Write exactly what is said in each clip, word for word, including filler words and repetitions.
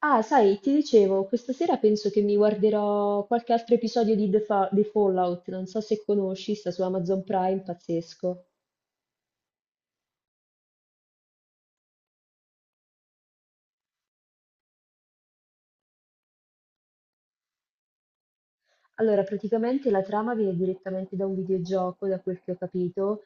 Ah, sai, ti dicevo, questa sera penso che mi guarderò qualche altro episodio di The Fa- di Fallout, non so se conosci, sta su Amazon Prime, pazzesco. Allora, praticamente la trama viene direttamente da un videogioco, da quel che ho capito,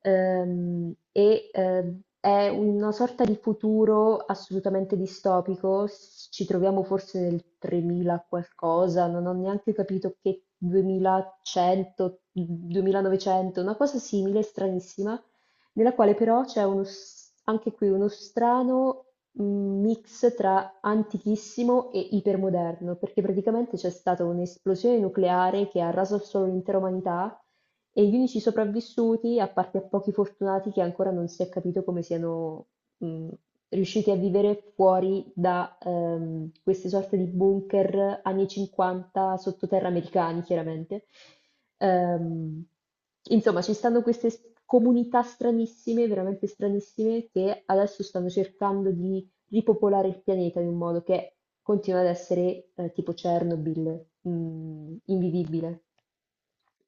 ehm, e ehm, è una sorta di futuro assolutamente distopico. S- Ci troviamo forse nel tremila qualcosa, non ho neanche capito, che duemilacento, duemilanovecento, una cosa simile, stranissima, nella quale però c'è uno, s- anche qui uno strano un mix tra antichissimo e ipermoderno, perché praticamente c'è stata un'esplosione nucleare che ha raso solo l'intera umanità e gli unici sopravvissuti, a parte a pochi fortunati che ancora non si è capito come siano mh, riusciti a vivere fuori da ehm, queste sorte di bunker anni cinquanta sottoterra americani, chiaramente. Ehm, insomma, ci stanno queste s- comunità stranissime, veramente stranissime, che adesso stanno cercando di ripopolare il pianeta in un modo che continua ad essere, eh, tipo Chernobyl, mm, invivibile.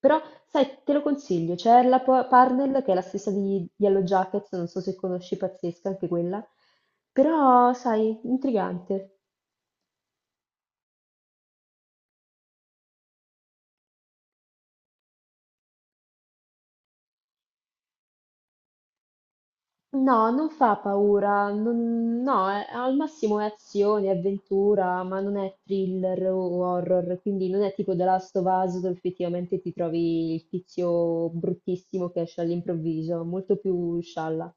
Però, sai, te lo consiglio, c'è la Pa- Parnell che è la stessa di Yellow Jackets, non so se conosci, pazzesca anche quella, però, sai, intrigante. No, non fa paura, non- no, è- al massimo è azione, avventura, ma non è thriller o horror, quindi non è tipo The Last of Us, dove effettivamente ti trovi il tizio bruttissimo che esce all'improvviso, molto più scialla.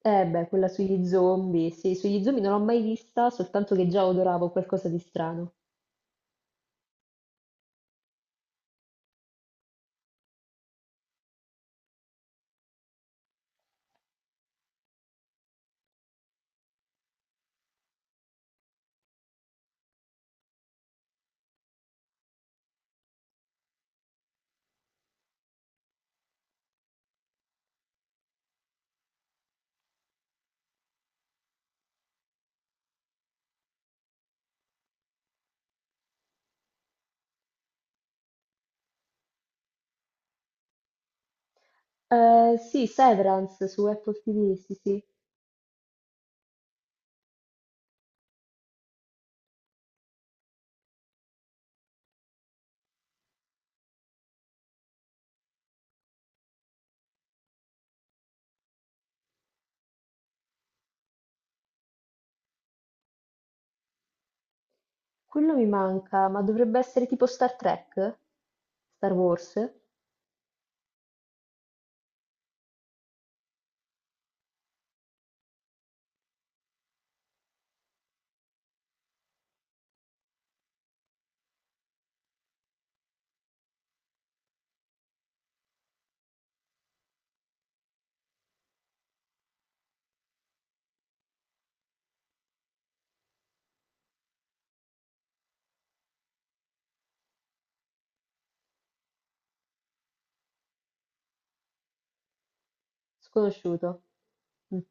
Eh beh, quella sugli zombie, sì, sugli zombie non l'ho mai vista, soltanto che già odoravo qualcosa di strano. Eh, sì, Severance su Apple T V, sì, sì, quello mi manca, ma dovrebbe essere tipo Star Trek? Star Wars? Sconosciuto. Mh.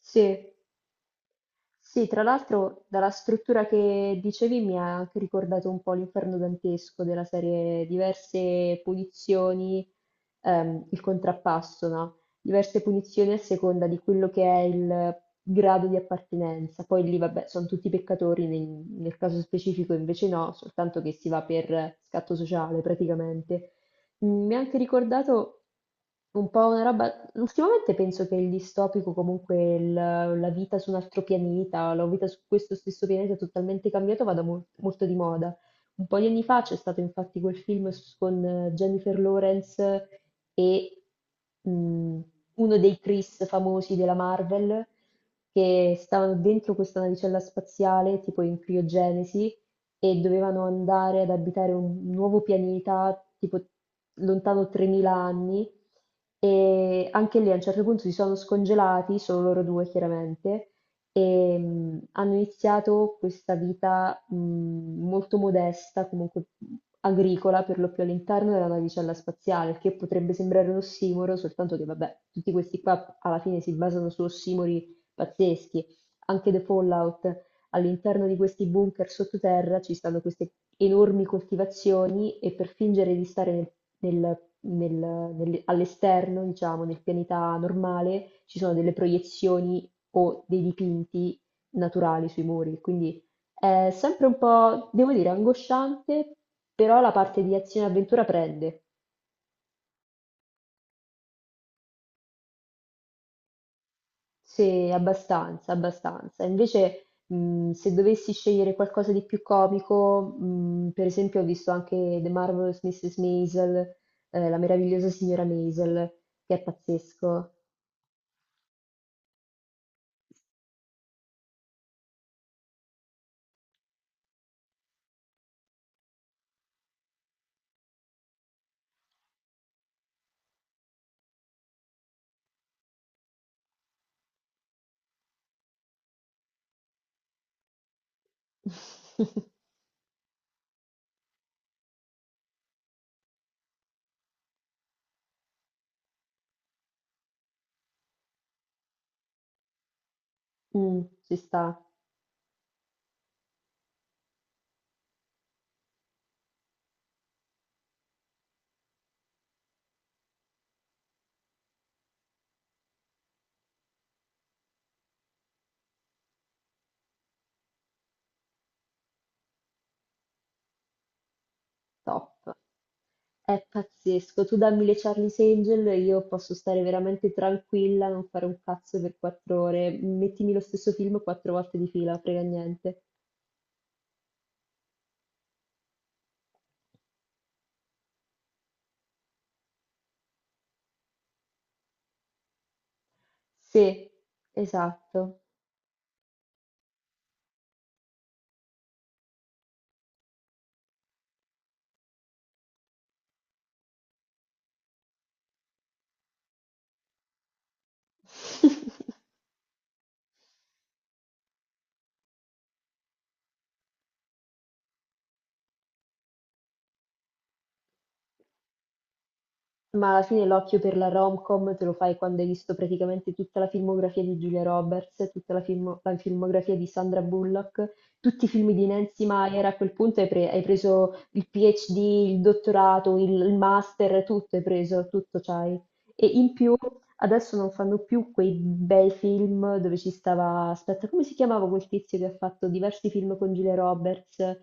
Sì, sì, tra l'altro dalla struttura che dicevi mi ha anche ricordato un po' l'Inferno dantesco della serie, diverse punizioni, ehm, il contrappasso, no, diverse punizioni a seconda di quello che è il grado di appartenenza. Poi lì vabbè son tutti peccatori, nel nel caso specifico invece no, soltanto che si va per scatto sociale praticamente. Mm, mi ha anche ricordato un po' una roba. Ultimamente penso che il distopico, comunque il- la vita su un altro pianeta, la vita su questo stesso pianeta totalmente cambiato, vada mol- molto di moda. Un po' di anni fa c'è stato infatti quel film s- con, eh, Jennifer Lawrence e, mh, uno dei Chris famosi della Marvel, che stavano dentro questa navicella spaziale, tipo in criogenesi, e dovevano andare ad abitare un nuovo pianeta, tipo lontano tremila anni, e anche lì a un certo punto si sono scongelati, solo loro due chiaramente, e, mm, hanno iniziato questa vita, mm, molto modesta, comunque agricola, per lo più all'interno della navicella spaziale, che potrebbe sembrare un ossimoro, soltanto che vabbè, tutti questi qua alla fine si basano su ossimori pazzeschi, anche The Fallout. All'interno di questi bunker sottoterra ci stanno queste enormi coltivazioni e per fingere di stare nel- nel- nel- nel- all'esterno, diciamo, nel pianeta normale, ci sono delle proiezioni o dei dipinti naturali sui muri. Quindi è sempre un po', devo dire, angosciante, però la parte di azione e avventura prende. Sì, abbastanza, abbastanza. Invece, mh, se dovessi scegliere qualcosa di più comico, mh, per esempio, ho visto anche The Marvelous signora Maisel, eh, la meravigliosa signora Maisel, che è pazzesco. Mm, ci sta, top. È pazzesco. Tu dammi le Charlie's Angel, io posso stare veramente tranquilla, non fare un cazzo per quattro ore. Mettimi lo stesso film quattro volte di fila, frega niente. Sì, esatto. Ma alla fine l'occhio per la rom-com te lo fai quando hai visto praticamente tutta la filmografia di Julia Roberts, tutta la, film- la filmografia di Sandra Bullock, tutti i film di Nancy Meyer, a quel punto hai, pre- hai preso il PhD, il dottorato, il, il master, tutto hai preso, tutto c'hai. E in più adesso non fanno più quei bei film dove ci stava, aspetta, come si chiamava quel tizio che ha fatto diversi film con Julia Roberts?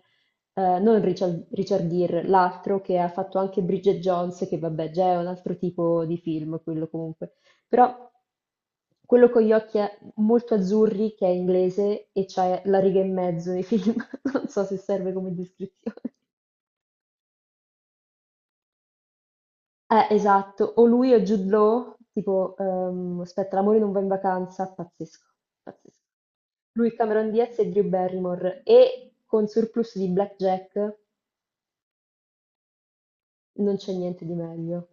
Ehm, non Richard Richard Gere, l'altro che ha fatto anche Bridget Jones, che vabbè già è un altro tipo di film quello comunque. Però quello con gli occhi a- molto azzurri, che è inglese e c'è la riga e mezzo nei film, non so se serve come descrizione. Eh, esatto, o lui o Jude Law, tipo, ehm, aspetta, l'amore non va in vacanza, pazzesco, pazzesco. Lui, Cameron Diaz e Drew Barrymore, e con surplus di blackjack non c'è niente di meglio.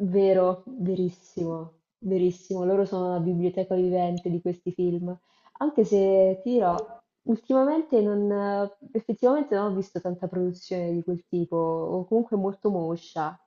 Vero, verissimo, verissimo. Loro sono la biblioteca vivente di questi film. Anche se ti dirò, ultimamente non, effettivamente non ho visto tanta produzione di quel tipo, o comunque molto moscia.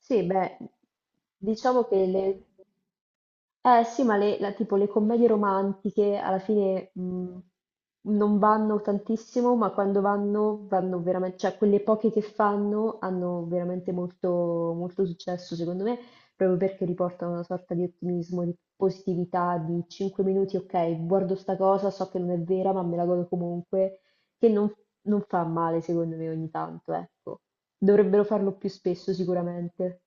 Sì, beh, diciamo che le... Eh sì, ma le, la- tipo le commedie romantiche alla fine, mh, non vanno tantissimo, ma quando vanno, vanno veramente, cioè quelle poche che fanno hanno veramente molto, molto successo, secondo me, proprio perché riportano una sorta di ottimismo, di positività, di cinque minuti, ok, guardo sta cosa, so che non è vera, ma me la godo comunque, che non, non fa male, secondo me, ogni tanto, ecco. Dovrebbero farlo più spesso sicuramente.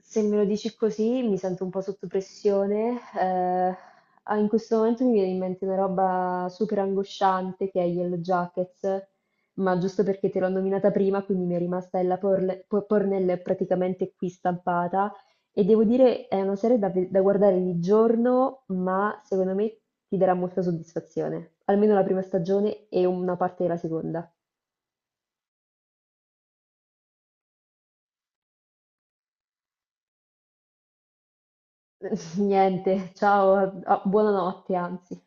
Se me lo dici così mi sento un po' sotto pressione. Eh, ah, in questo momento mi viene in mente una roba super angosciante che è Yellow Jackets, ma giusto perché te l'ho nominata prima, quindi mi è rimasta Ella Porle- Po- Pornell praticamente qui stampata. E devo dire, è una serie da, ve- da guardare di giorno, ma secondo me ti darà molta soddisfazione. Almeno la prima stagione e una parte della seconda. Niente, ciao, a- a- buonanotte anzi.